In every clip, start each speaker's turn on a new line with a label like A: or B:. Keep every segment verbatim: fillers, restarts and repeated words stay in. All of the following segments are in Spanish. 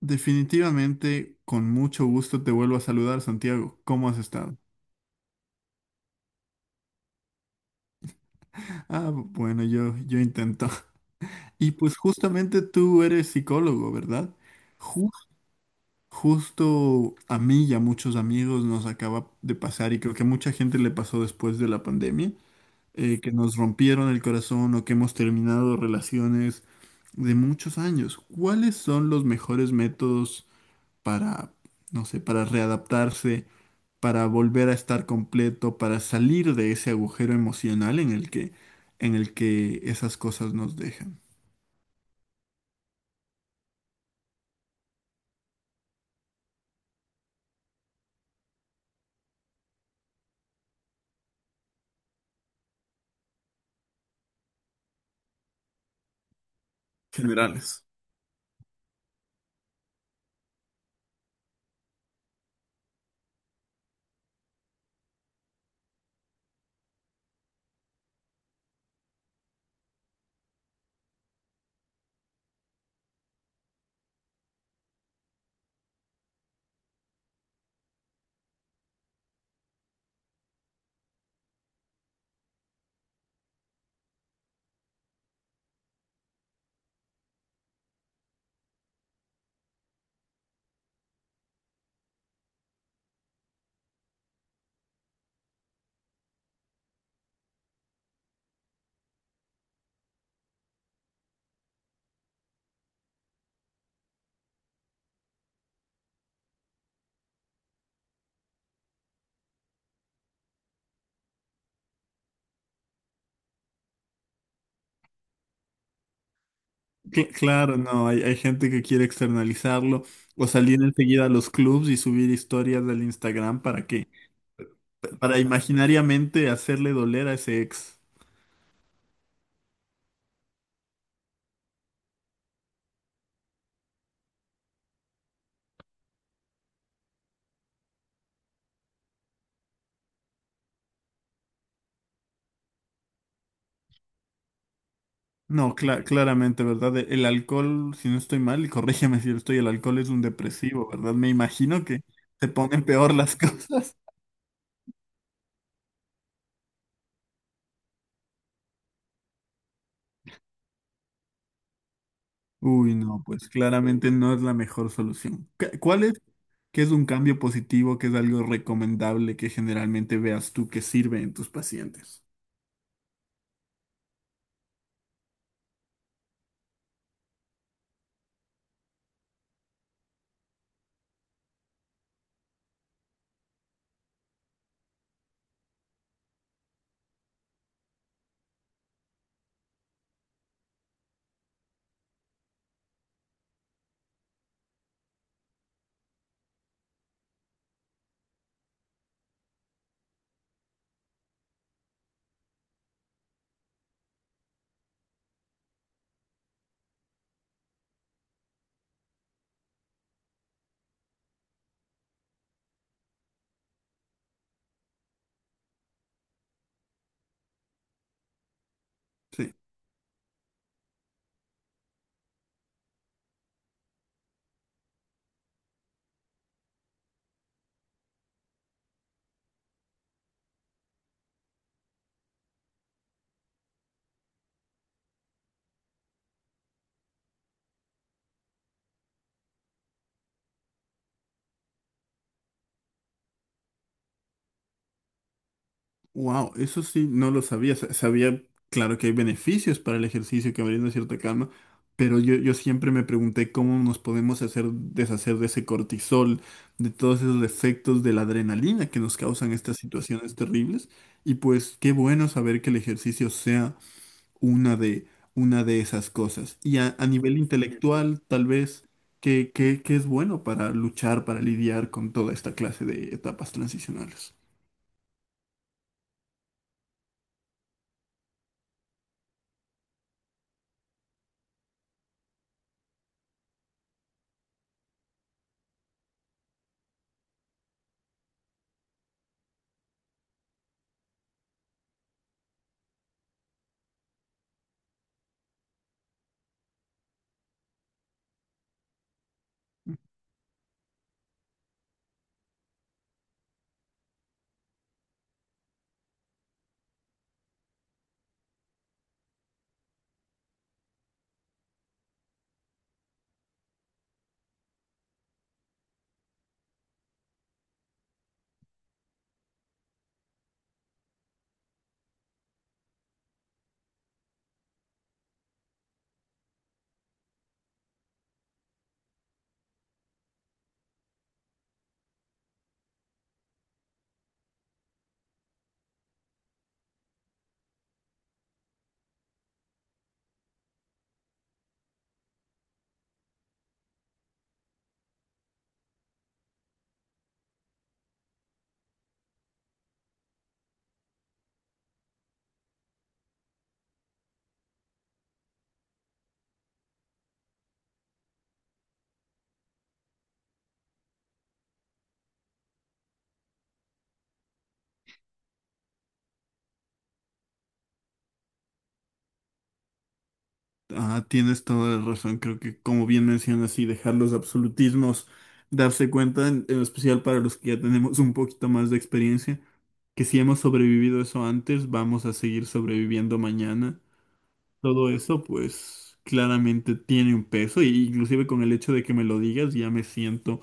A: Definitivamente, con mucho gusto te vuelvo a saludar, Santiago. ¿Cómo has estado? Ah, bueno, yo, yo intento. Y pues justamente tú eres psicólogo, ¿verdad? Ju- Justo a mí y a muchos amigos nos acaba de pasar, y creo que a mucha gente le pasó después de la pandemia, eh, que nos rompieron el corazón o que hemos terminado relaciones de muchos años. ¿Cuáles son los mejores métodos para, no sé, para readaptarse? ¿Para volver a estar completo, para salir de ese agujero emocional en el que, en el que esas cosas nos dejan? Generales. Cl- Claro, no, hay, hay gente que quiere externalizarlo o salir enseguida a los clubs y subir historias del Instagram para que, para imaginariamente hacerle doler a ese ex. No, cla- claramente, ¿verdad? E-, El alcohol, si no estoy mal, y corrígeme si lo estoy, el alcohol es un depresivo, ¿verdad? Me imagino que se ponen peor las cosas. Uy, no, pues claramente no es la mejor solución. ¿Qué- ¿Cuál es? ¿Qué es un cambio positivo? ¿Qué es algo recomendable que generalmente veas tú que sirve en tus pacientes? Sí. Wow, eso sí, no lo sabía. Sa- Sabía, claro, que hay beneficios para el ejercicio que brinda cierta calma, pero yo, yo siempre me pregunté cómo nos podemos hacer deshacer de ese cortisol, de todos esos efectos de la adrenalina que nos causan estas situaciones terribles. Y pues qué bueno saber que el ejercicio sea una de, una de esas cosas. Y a, a nivel intelectual, tal vez, ¿que es bueno para luchar, para lidiar con toda esta clase de etapas transicionales? Ah, tienes toda la razón. Creo que, como bien mencionas, y dejar los absolutismos, darse cuenta, en, en especial para los que ya tenemos un poquito más de experiencia, que si hemos sobrevivido eso antes, vamos a seguir sobreviviendo mañana. Todo eso, pues, claramente tiene un peso, y inclusive con el hecho de que me lo digas, ya me siento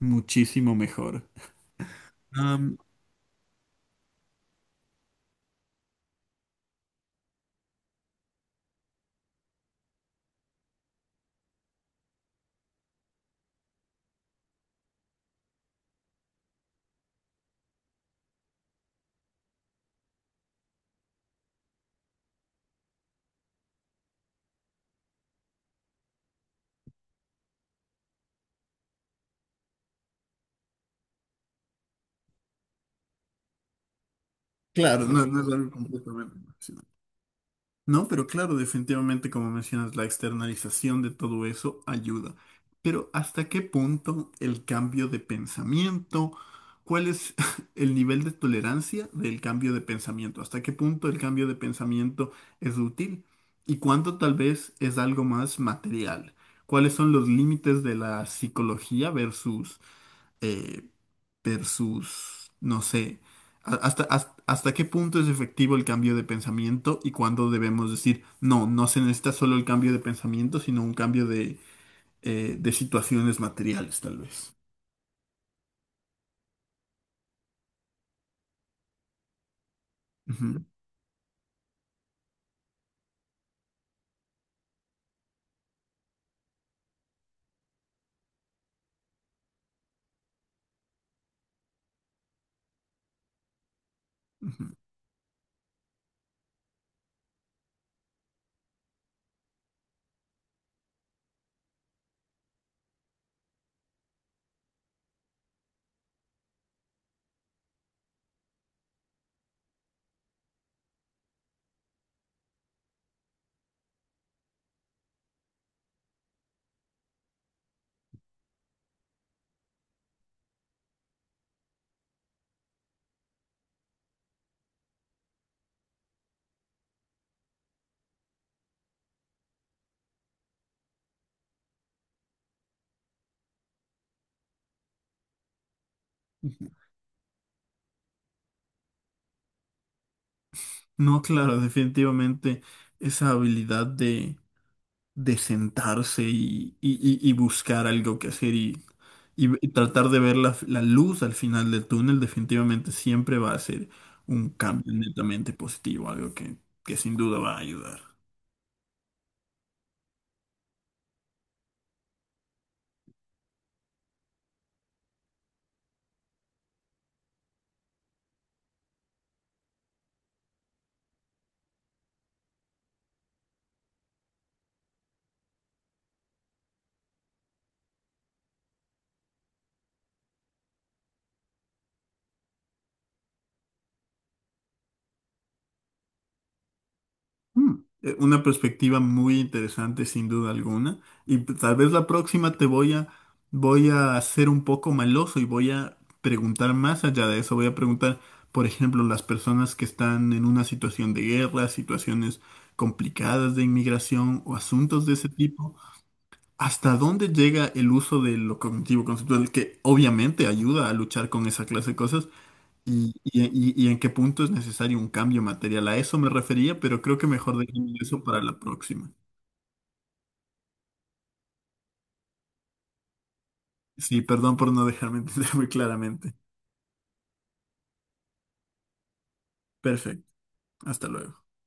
A: muchísimo mejor. Am, claro, no, no es algo completamente profesional. No, pero claro, definitivamente, como mencionas, la externalización de todo eso ayuda. Pero ¿hasta qué punto el cambio de pensamiento? ¿Cuál es el nivel de tolerancia del cambio de pensamiento? ¿Hasta qué punto el cambio de pensamiento es útil? ¿Y cuánto tal vez es algo más material? ¿Cuáles son los límites de la psicología versus... eh, versus, no sé, a- hasta, hasta, hasta qué punto es efectivo el cambio de pensamiento y cuándo debemos decir, no, no se necesita solo el cambio de pensamiento, sino un cambio de, eh, de situaciones materiales, tal vez. Ujú, ujú, ujú. No, claro, definitivamente esa habilidad de sentarse y, y- y- y buscar algo que hacer y, y- y tratar de ver la, la luz al final del túnel, definitivamente siempre va a ser un cambio netamente positivo, algo que, que sin duda va a ayudar. Mm, eh, una perspectiva muy interesante, sin duda alguna. Y p- tal vez la próxima te voy a, voy a ser un poco maloso y voy a preguntar más allá de eso. Voy a preguntar, por ejemplo, las personas que están en una situación de guerra, situaciones complicadas de inmigración o asuntos de ese tipo, ¿hasta dónde llega el uso de lo cognitivo conceptual que obviamente ayuda a luchar con esa clase de cosas? ¿Y, y- y- y en qué punto es necesario un cambio material? A eso me refería, pero creo que mejor dejemos eso para la próxima. Sí, perdón por no dejarme entender muy claramente. Perfecto. Hasta luego.